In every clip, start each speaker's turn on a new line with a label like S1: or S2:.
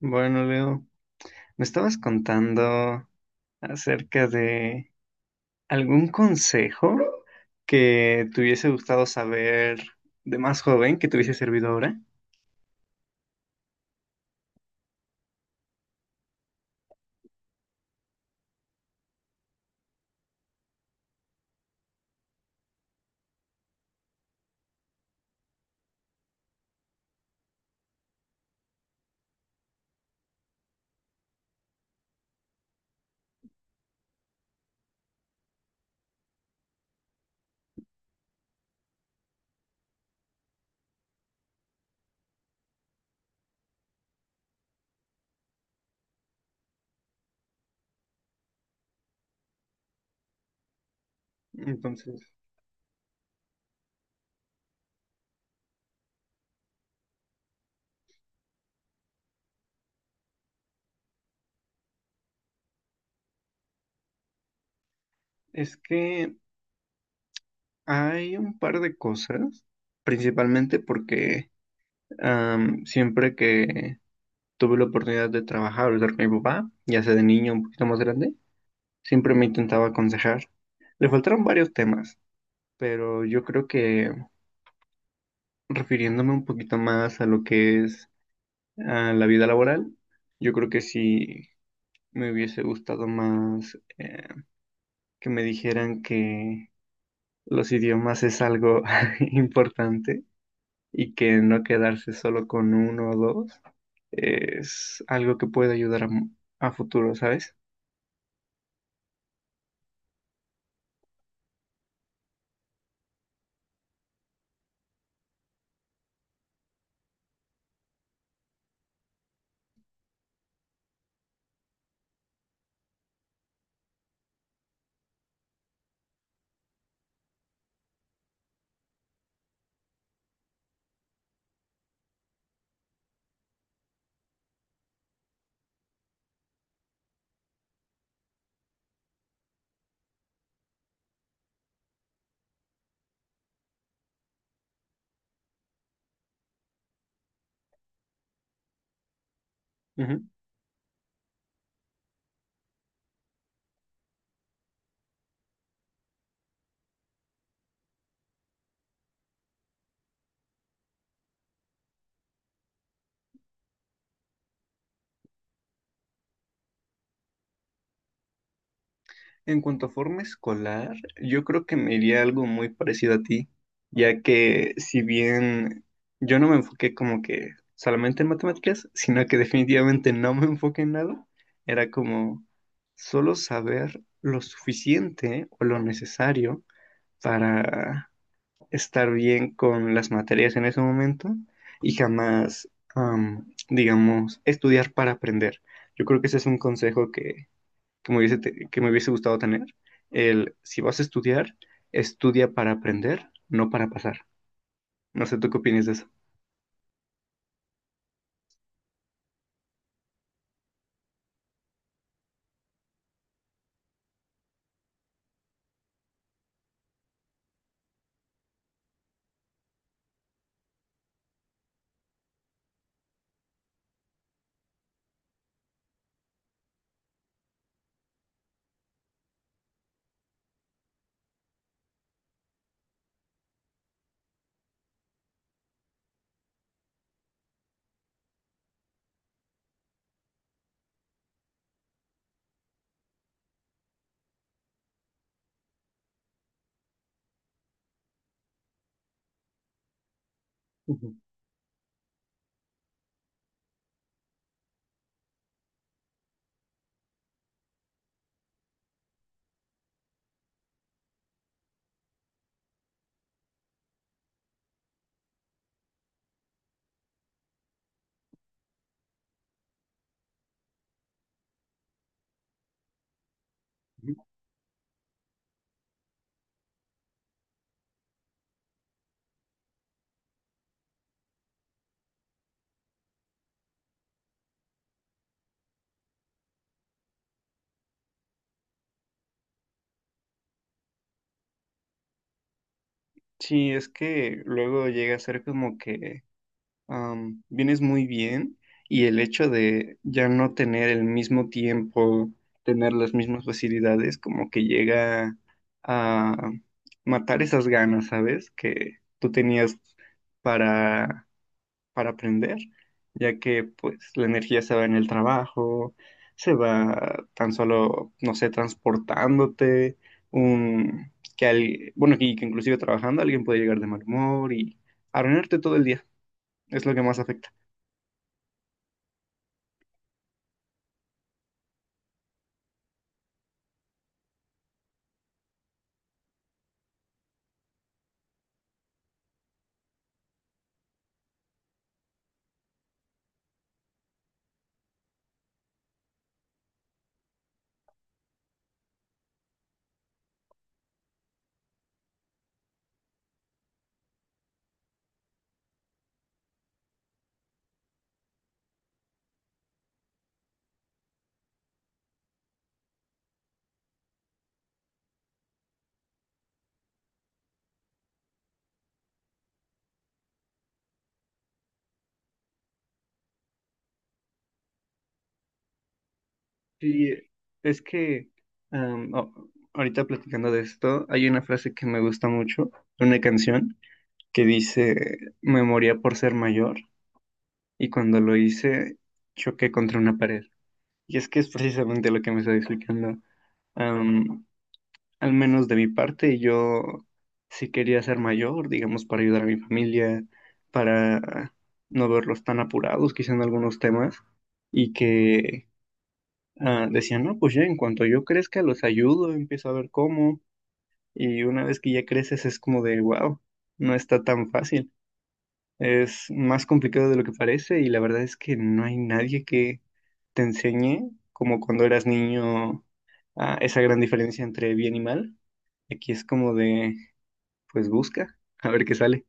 S1: Bueno, Leo, me estabas contando acerca de algún consejo que te hubiese gustado saber de más joven, que te hubiese servido ahora. Entonces, es que hay un par de cosas, principalmente porque siempre que tuve la oportunidad de trabajar o estar con mi papá, ya sea de niño un poquito más grande, siempre me intentaba aconsejar. Le faltaron varios temas, pero yo creo que refiriéndome un poquito más a lo que es la vida laboral, yo creo que sí me hubiese gustado más que me dijeran que los idiomas es algo importante y que no quedarse solo con uno o dos es algo que puede ayudar a, a futuro, ¿sabes? En cuanto a forma escolar, yo creo que me iría algo muy parecido a ti, ya que si bien yo no me enfoqué como que solamente en matemáticas, sino que definitivamente no me enfoqué en nada, era como solo saber lo suficiente o lo necesario para estar bien con las materias en ese momento y jamás, digamos, estudiar para aprender. Yo creo que ese es un consejo que me hubiese, que me hubiese gustado tener, el si vas a estudiar, estudia para aprender, no para pasar. No sé, ¿tú qué opinas de eso? Ujú. Sí, es que luego llega a ser como que vienes muy bien y el hecho de ya no tener el mismo tiempo, tener las mismas facilidades, como que llega a matar esas ganas, ¿sabes? Que tú tenías para para aprender, ya que pues la energía se va en el trabajo, se va tan solo, no sé, transportándote, bueno, y que inclusive trabajando alguien puede llegar de mal humor y arruinarte todo el día, es lo que más afecta. Y es que am, o- ahorita platicando de esto, hay una frase que me gusta mucho, de una canción que dice, me moría por ser mayor y cuando lo hice choqué contra una pared. Y es que es precisamente lo que me está explicando. Am, Al menos de mi parte, yo sí quería ser mayor, digamos, para ayudar a mi familia, para no verlos tan apurados, quizá en algunos temas, y que decían, no, pues ya en cuanto yo crezca, los ayudo, empiezo a ver cómo, y una vez que ya creces es como de, wow, no está tan fácil. Es más complicado de lo que parece, y la verdad es que no hay nadie que te enseñe como cuando eras niño esa gran diferencia entre bien y mal. Aquí es como de, pues busca, a ver qué sale.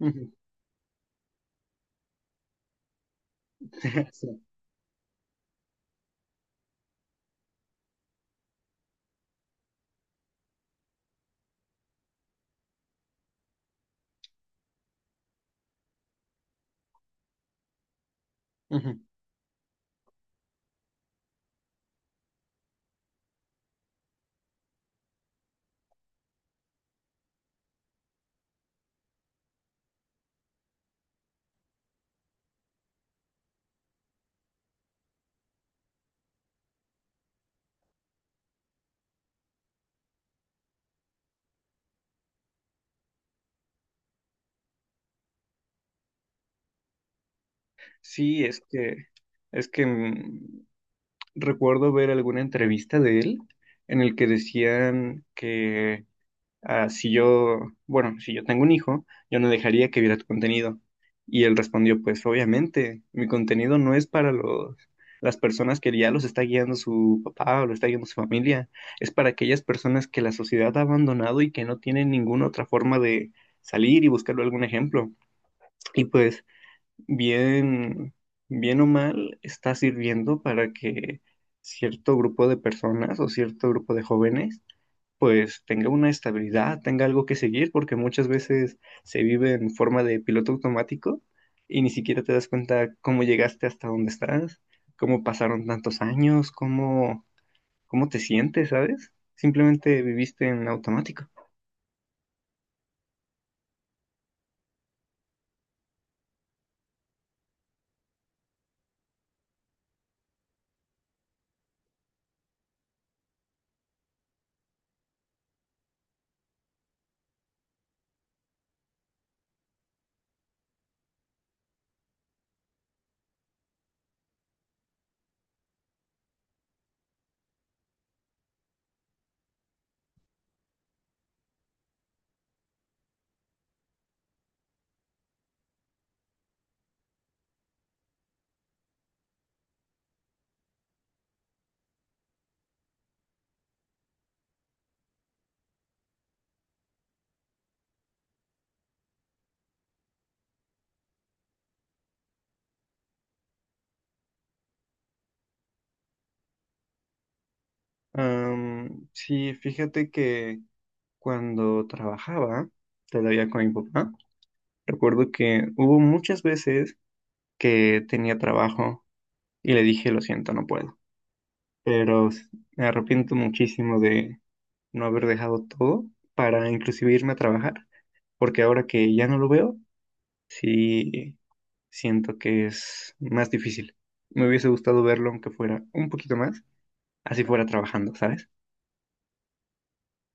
S1: Ujú. Sí. Ujú. Sí, es que mm, recuerdo ver alguna entrevista de él en el que decían que si yo, bueno, si yo tengo un hijo, yo no dejaría que viera tu contenido. Y él respondió, pues obviamente, mi contenido no es para los, las personas que ya los está guiando su papá o lo está guiando su familia, es para aquellas personas que la sociedad ha abandonado y que no tienen ninguna otra forma de salir y buscarle algún ejemplo. Y pues, bien, bien o mal, está sirviendo para que cierto grupo de personas o cierto grupo de jóvenes pues tenga una estabilidad, tenga algo que seguir, porque muchas veces se vive en forma de piloto automático y ni siquiera te das cuenta cómo llegaste hasta donde estás, cómo pasaron tantos años, cómo, cómo te sientes, ¿sabes? Simplemente viviste en automático. Sí, fíjate que cuando trabajaba todavía con mi papá, recuerdo que hubo muchas veces que tenía trabajo y le dije, lo siento, no puedo. pero s- Me arrepiento muchísimo de no haber dejado todo para inclusive irme a trabajar, porque ahora que ya no lo veo, sí siento que es más difícil. Me hubiese gustado verlo aunque fuera un poquito más, así fuera trabajando, ¿sabes?